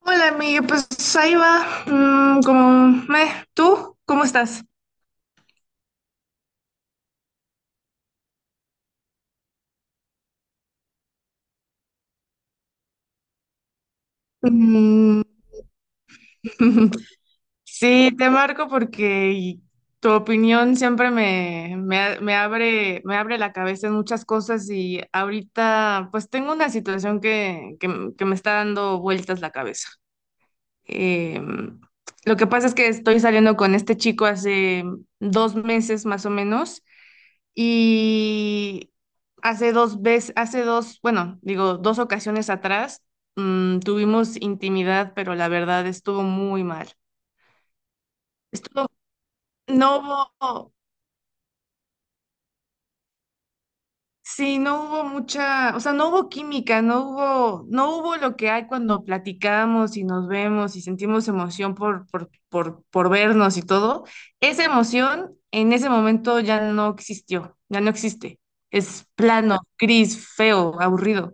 Hola, amiga, pues ahí va. Como, meh. ¿Tú cómo estás? Mm. Sí, te marco porque tu opinión siempre me abre, me abre la cabeza en muchas cosas y ahorita pues tengo una situación que me está dando vueltas la cabeza. Eh, lo que pasa es que estoy saliendo con este chico hace dos meses más o menos. Y hace dos veces, hace dos, bueno, digo, dos ocasiones atrás, tuvimos intimidad, pero la verdad estuvo muy mal. Estuvo, no hubo, sí, no hubo mucha, o sea, no hubo química, no hubo, no hubo lo que hay cuando platicamos y nos vemos y sentimos emoción por vernos y todo. Esa emoción en ese momento ya no existió, ya no existe. Es plano, gris, feo, aburrido.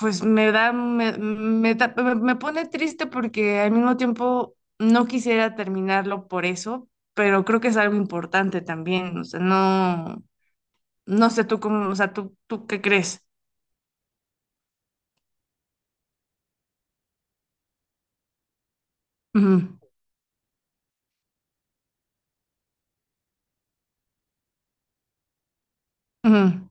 Pues me da, me pone triste porque al mismo tiempo no quisiera terminarlo por eso, pero creo que es algo importante también, o sea, no, no sé tú cómo, o sea, tú qué crees. Ujú, ujú.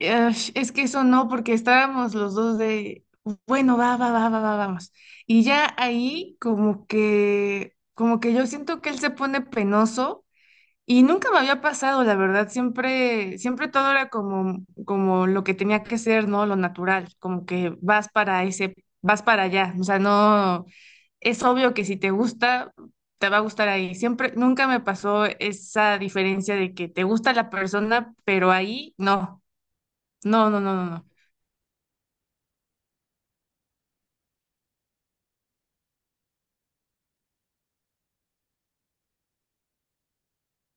Ash, es que eso no, porque estábamos los dos de, bueno, vamos. Y ya ahí como que yo siento que él se pone penoso. Y nunca me había pasado, la verdad, siempre todo era como, como lo que tenía que ser, ¿no? Lo natural, como que vas para ese, vas para allá. O sea, no, es obvio que si te gusta, te va a gustar ahí. Siempre, nunca me pasó esa diferencia de que te gusta la persona, pero ahí no. No, no, no, no, no.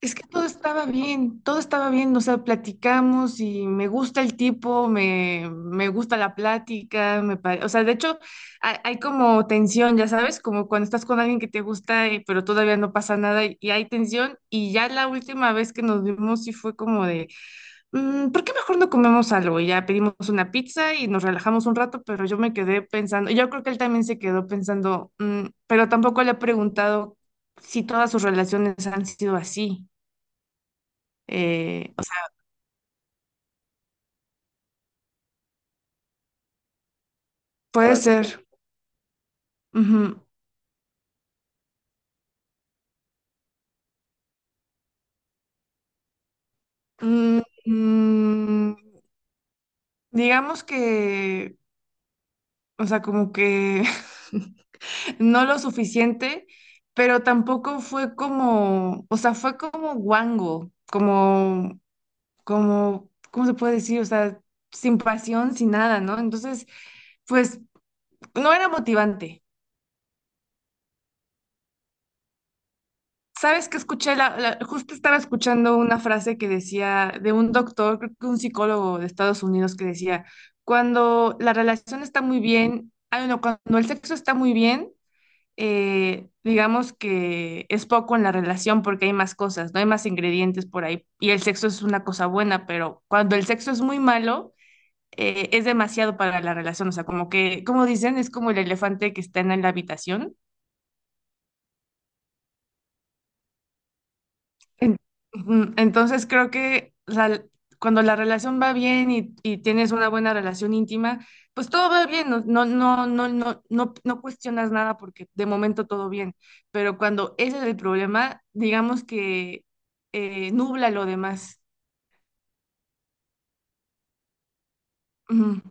Es que todo estaba bien, o sea, platicamos y me gusta el tipo, me gusta la plática, o sea, de hecho, hay como tensión, ya sabes, como cuando estás con alguien que te gusta, pero todavía no pasa nada y hay tensión, y ya la última vez que nos vimos sí fue como de, "Mm, ¿por qué mejor no comemos algo?". Y ya pedimos una pizza y nos relajamos un rato, pero yo me quedé pensando, y yo creo que él también se quedó pensando, "Mm", pero tampoco le he preguntado si todas sus relaciones han sido así. O sea, puede ser. Ujú. Mm, mm, digamos que, o sea, como que no lo suficiente, pero tampoco fue como, o sea, fue como guango, como, como, ¿cómo se puede decir? O sea, sin pasión, sin nada, ¿no? Entonces, pues no era motivante. ¿Sabes que escuché? Justo estaba escuchando una frase que decía de un doctor, creo que un psicólogo de Estados Unidos, que decía, cuando la relación está muy bien, ah, no, cuando el sexo está muy bien, digamos que es poco en la relación porque hay más cosas, no hay más ingredientes por ahí. Y el sexo es una cosa buena, pero cuando el sexo es muy malo, es demasiado para la relación. O sea, como que, como dicen, es como el elefante que está en la habitación. En- ujú. Entonces creo que cuando la relación va bien y tienes una buena relación íntima, pues todo va bien, no cuestionas nada porque de momento todo bien. Pero cuando ese es el problema, digamos que nubla lo demás. Ujú,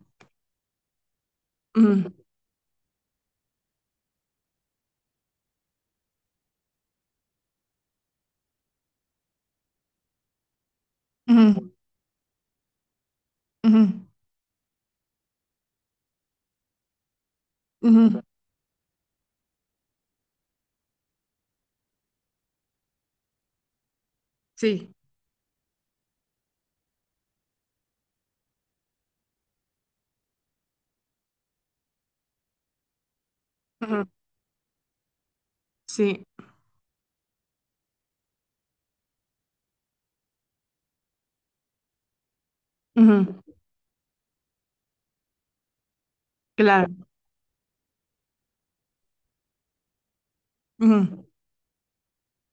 ujú, ujú, ujú, ujú. Sí, ujú, sí, ujú, claro. Ujú,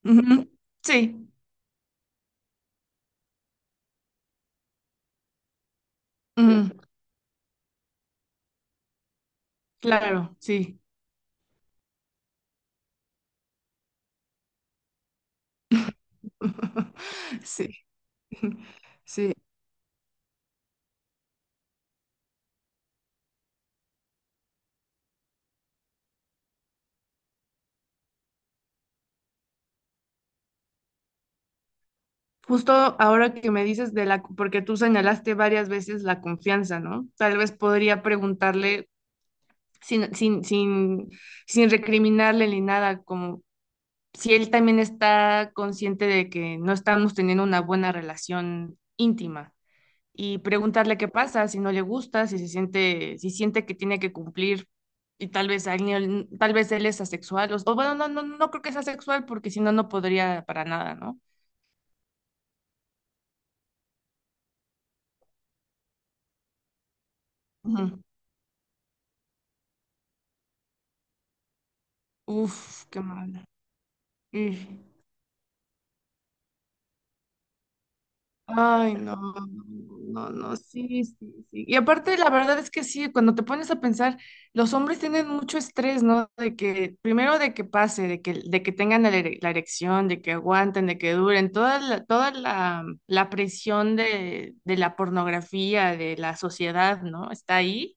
ujú. Sí, ujú, claro, sí. Sí. Sí, justo ahora que me dices de la, porque tú señalaste varias veces la confianza, ¿no? Tal vez podría preguntarle sin, sin, sin, sin recriminarle ni nada, como si él también está consciente de que no estamos teniendo una buena relación íntima y preguntarle qué pasa, si no le gusta, si se siente, si siente que tiene que cumplir y tal vez él es asexual o bueno, no, no, no creo que sea asexual porque si no, no podría para nada, ¿no? Uf, qué mal. Y- ay, no, no, no, sí, sí, sí. Y aparte, la verdad es que sí, cuando te pones a pensar, los hombres tienen mucho estrés, ¿no? De que, primero de que pase, de que tengan la erección, de que aguanten, de que duren, toda la, la presión de la pornografía, de la sociedad, ¿no? Está ahí.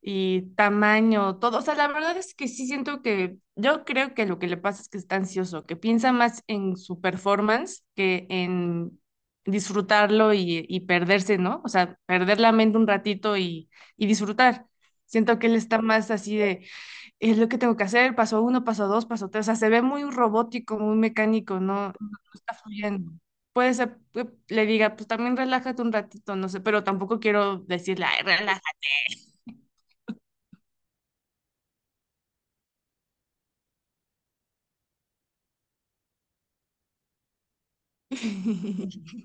Y tamaño, todo. O sea, la verdad es que sí siento que yo creo que lo que le pasa es que está ansioso, que piensa más en su performance que en disfrutarlo y perderse, ¿no? O sea, perder la mente un ratito y disfrutar. Siento que él está más así de, es lo que tengo que hacer, paso uno, paso dos, paso tres. O sea, se ve muy robótico, muy mecánico, no, no está fluyendo. Puede ser, que le diga, pues también relájate un ratito, no sé, pero tampoco quiero decirle, ay, relájate.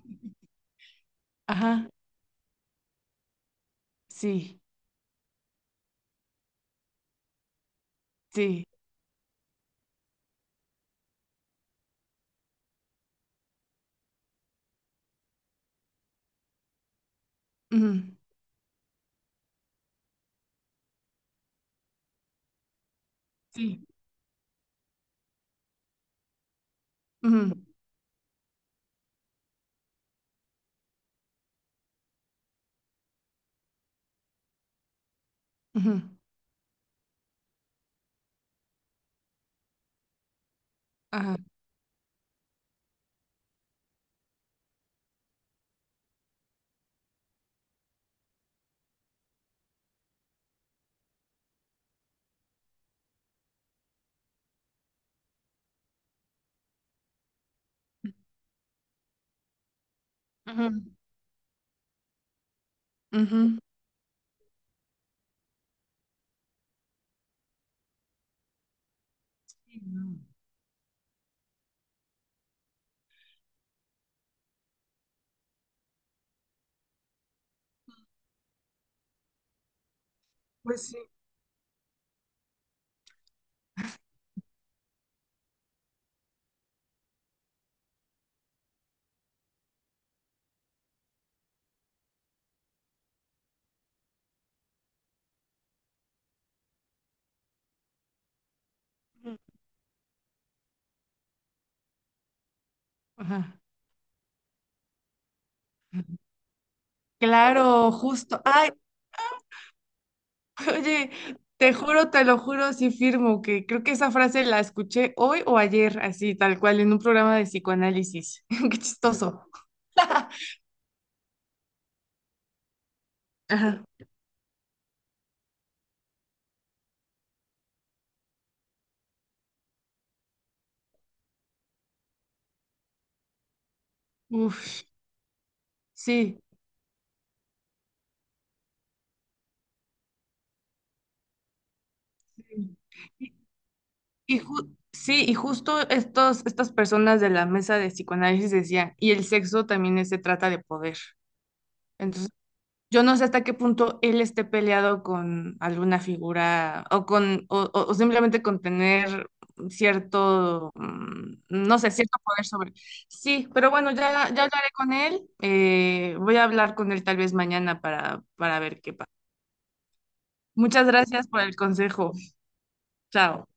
Ajá, sí, sí, ujú, sí, ujú, ujú, ajá, ujú, ujú. Sí, no. Pues sí. Ujú. Ajá. Claro, justo. Ay, oye, te juro, te lo juro, sí firmo que creo que esa frase la escuché hoy o ayer, así, tal cual, en un programa de psicoanálisis. Qué chistoso. Ajá. Uf, sí. Sí. Sí, y justo estos, estas personas de la mesa de psicoanálisis decían, y el sexo también se trata de poder. Entonces, yo no sé hasta qué punto él esté peleado con alguna figura o con o, o simplemente con tener cierto, no sé, cierto poder sobre. Sí, pero bueno, ya, ya hablaré con él. Voy a hablar con él tal vez mañana para ver qué pasa. Muchas gracias por el consejo. Chao.